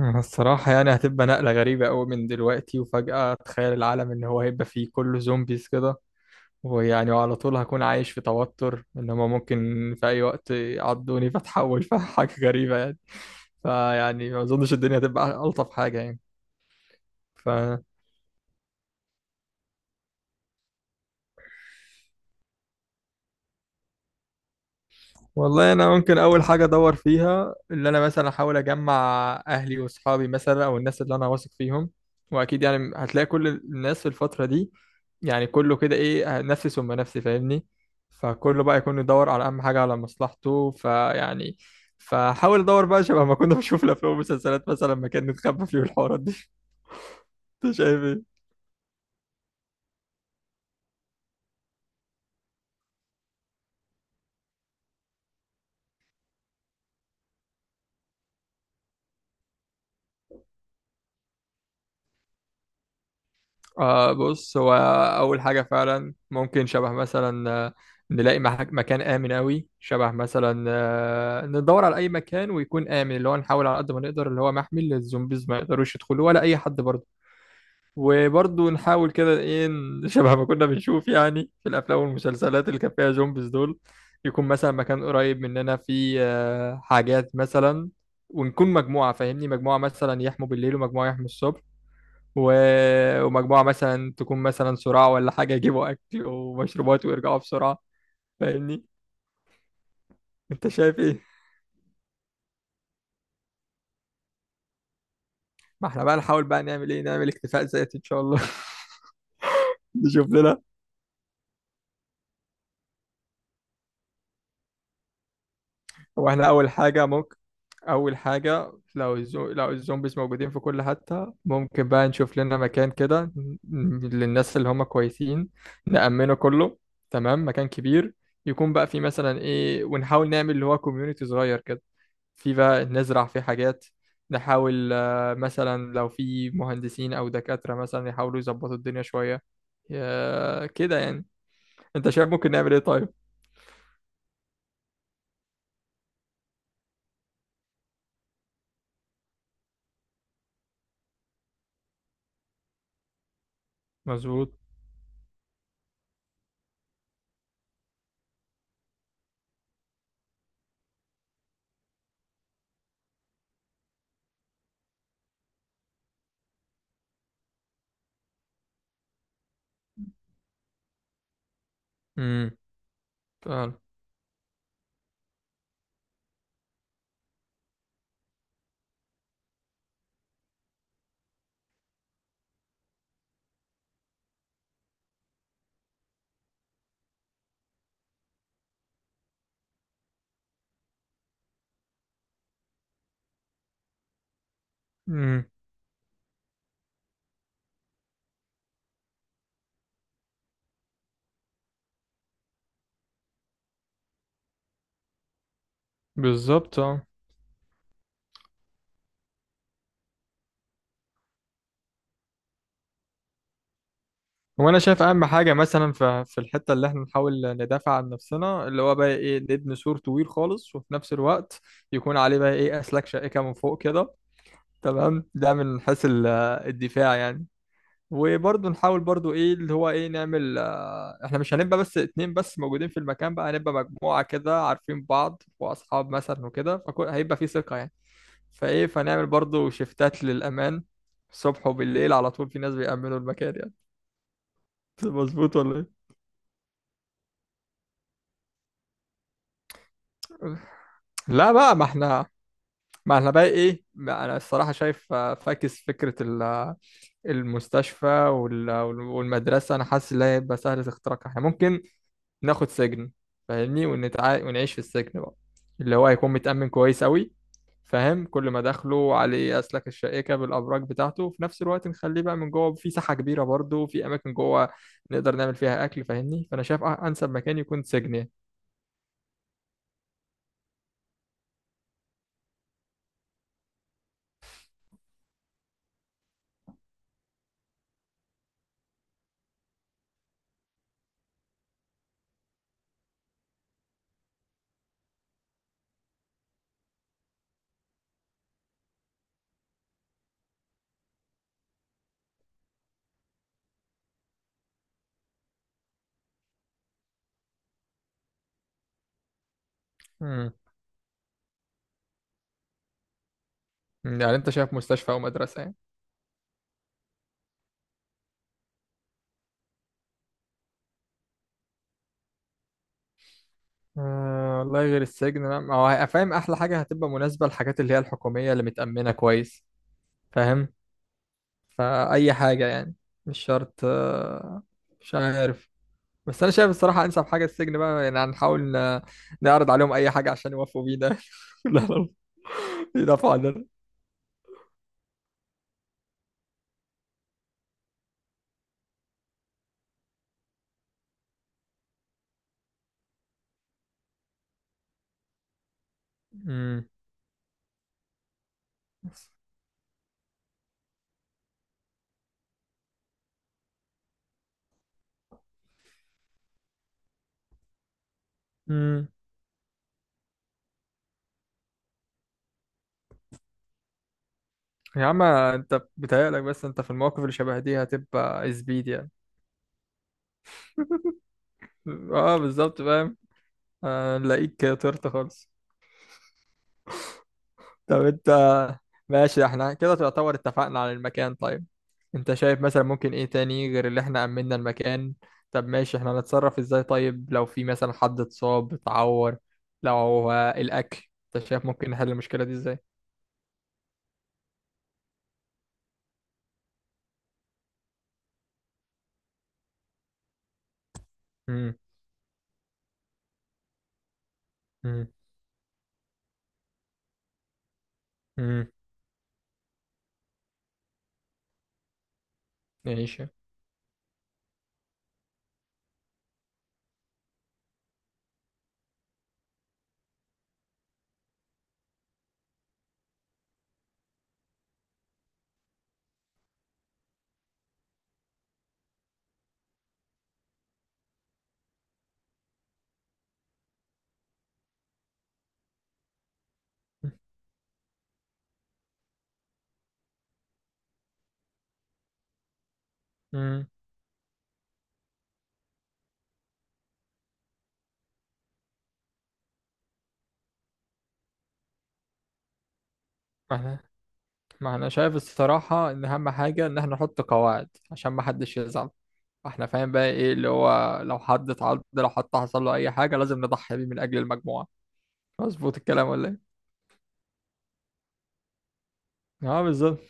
أنا الصراحة يعني هتبقى نقلة غريبة أوي من دلوقتي وفجأة تخيل العالم إن هو هيبقى فيه كله زومبيز كده. ويعني وعلى طول هكون عايش في توتر إن هما ممكن في أي وقت يعضوني فتحول فحاجة غريبة يعني. فيعني ما أظنش الدنيا هتبقى ألطف حاجة. يعني والله انا ممكن اول حاجه ادور فيها اللي انا مثلا احاول اجمع اهلي واصحابي مثلا او الناس اللي انا واثق فيهم. واكيد يعني هتلاقي كل الناس في الفتره دي يعني كله كده ايه نفسي ثم نفسي، فاهمني؟ فكله بقى يكون يدور على اهم حاجه على مصلحته، فيعني فحاول ادور بقى شبه ما كنا بنشوف الافلام والمسلسلات مثلا مكان نتخبى فيه الحوارات دي. انت شايف ايه؟ آه، بص هو أول حاجة فعلا ممكن شبه مثلا نلاقي مكان آمن أوي. شبه مثلا ندور على أي مكان ويكون آمن، اللي هو نحاول على قد ما نقدر اللي هو محمي للزومبيز ما يقدروش يدخلوا ولا أي حد برضه. وبرضه نحاول كده إيه شبه ما كنا بنشوف يعني في الأفلام والمسلسلات اللي كان فيها زومبيز دول. يكون مثلا مكان قريب مننا فيه حاجات مثلا. ونكون مجموعة، فاهمني؟ مجموعة مثلا يحموا بالليل ومجموعة يحموا الصبح و... ومجموعة مثلا تكون مثلا صراع ولا حاجة، يجيبوا أكل ومشروبات ويرجعوا بسرعة. فاهمني؟ أنت شايف إيه؟ ما احنا بقى نحاول بقى نعمل إيه؟ نعمل اكتفاء ذاتي إن شاء الله. نشوف لنا. هو احنا أول حاجة ممكن أول حاجة لو لو الزومبيز موجودين في كل حتة، ممكن بقى نشوف لنا مكان كده للناس اللي هم كويسين، نأمنه كله. تمام. مكان كبير يكون بقى فيه مثلا إيه، ونحاول نعمل اللي هو كوميونيتي صغير كده. في بقى نزرع فيه حاجات. نحاول مثلا لو في مهندسين أو دكاترة مثلا يحاولوا يظبطوا الدنيا شوية. كده يعني. أنت شايف ممكن نعمل إيه طيب؟ مظبوط. امم فعلا. امم بالظبط اه. هو انا شايف اهم حاجه مثلا في الحته اللي احنا نحاول ندافع عن نفسنا اللي هو بقى ايه نبني سور طويل خالص، وفي نفس الوقت يكون عليه بقى ايه اسلاك شائكه من فوق كده. تمام، ده من حيث الدفاع يعني. وبرضه نحاول برضه ايه اللي هو ايه نعمل احنا مش هنبقى بس اتنين بس موجودين في المكان، بقى هنبقى مجموعة كده عارفين بعض واصحاب مثلا وكده، فهيبقى في ثقة يعني. فايه فنعمل برضه شيفتات للأمان. الصبح وبالليل على طول في ناس بيأمنوا المكان يعني. مظبوط ولا ايه؟ لا بقى، ما احنا ما احنا بقى ايه ما انا الصراحة شايف فاكس فكرة المستشفى والمدرسة، انا حاسس ان هي هيبقى سهلة اختراقها. احنا ممكن ناخد سجن، فاهمني؟ ونعيش في السجن بقى اللي هو هيكون متأمن كويس قوي. فاهم؟ كل ما دخله عليه أسلاك الشائكة بالأبراج بتاعته، وفي نفس الوقت نخليه بقى من جوه في ساحة كبيرة برضه في أماكن جوه نقدر نعمل فيها أكل. فاهمني؟ فأنا شايف أنسب مكان يكون سجن يعني. مم. يعني أنت شايف مستشفى أو مدرسة يعني؟ أه والله غير السجن لا. ما هو فاهم أحلى حاجة هتبقى مناسبة للحاجات اللي هي الحكومية اللي متأمنة كويس. فاهم؟ فأي حاجة يعني مش شرط. مش عارف، بس انا شايف الصراحه انسب حاجه السجن بقى يعني. هنحاول نعرض عليهم اي حاجه عشان يوافقوا بينا. لا لا، يدافعوا عننا. امم. امم. يا عم انت بتهيألك، بس انت في المواقف اللي شبه دي هتبقى زبيد يعني. اه بالظبط، فاهم. هنلاقيك طرت خالص. طب انت، ماشي احنا كده تعتبر اتفقنا على المكان. طيب انت شايف مثلا ممكن ايه تاني غير اللي احنا امننا المكان؟ طب ماشي احنا هنتصرف ازاي طيب لو في مثلا حد اتصاب اتعور؟ لو هو الاكل؟ انت شايف ممكن نحل المشكلة دي ازاي؟ امم. امم. امم. ايش؟ امم. ما احنا ما احنا شايف الصراحة ان اهم حاجة ان احنا نحط قواعد عشان ما حدش يزعل. احنا فاهم بقى ايه اللي هو لو حد اتعض لو حد حصل له اي حاجة لازم نضحي بيه من اجل المجموعة. مظبوط الكلام ولا ايه؟ اه بالظبط.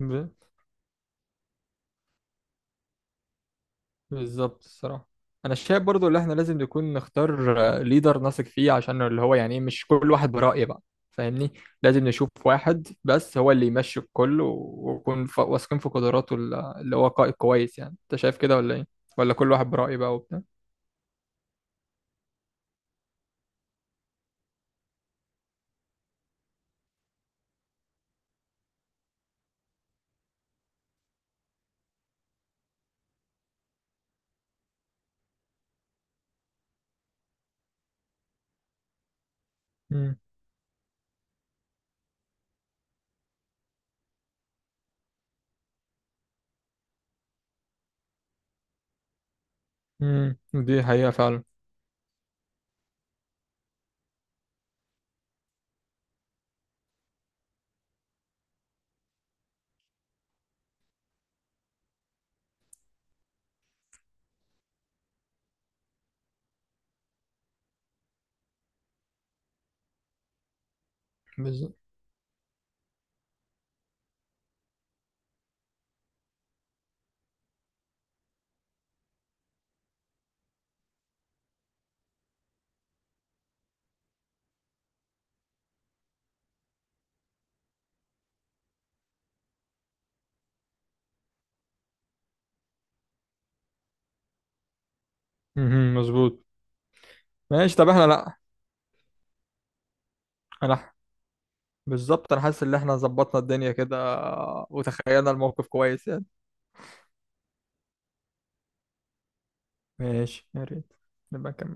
امم بالظبط الصراحة. أنا شايف برضو اللي إحنا لازم نكون نختار ليدر نثق فيه عشان اللي هو يعني إيه، مش كل واحد برأي بقى. فاهمني؟ لازم نشوف واحد بس هو اللي يمشي الكل، ونكون واثقين في قدراته اللي هو قائد كويس يعني. أنت شايف كده ولا إيه؟ ولا كل واحد برأيه بقى وبتاع؟ امم. امم، دي حقيقة فعلا. بالظبط. مظبوط. ماشي، طب إحنا لأ. أنا بالظبط أنا حاسس إن إحنا ظبطنا الدنيا كده وتخيلنا الموقف كويس يعني. ماشي، يا ريت نبقى نكمل.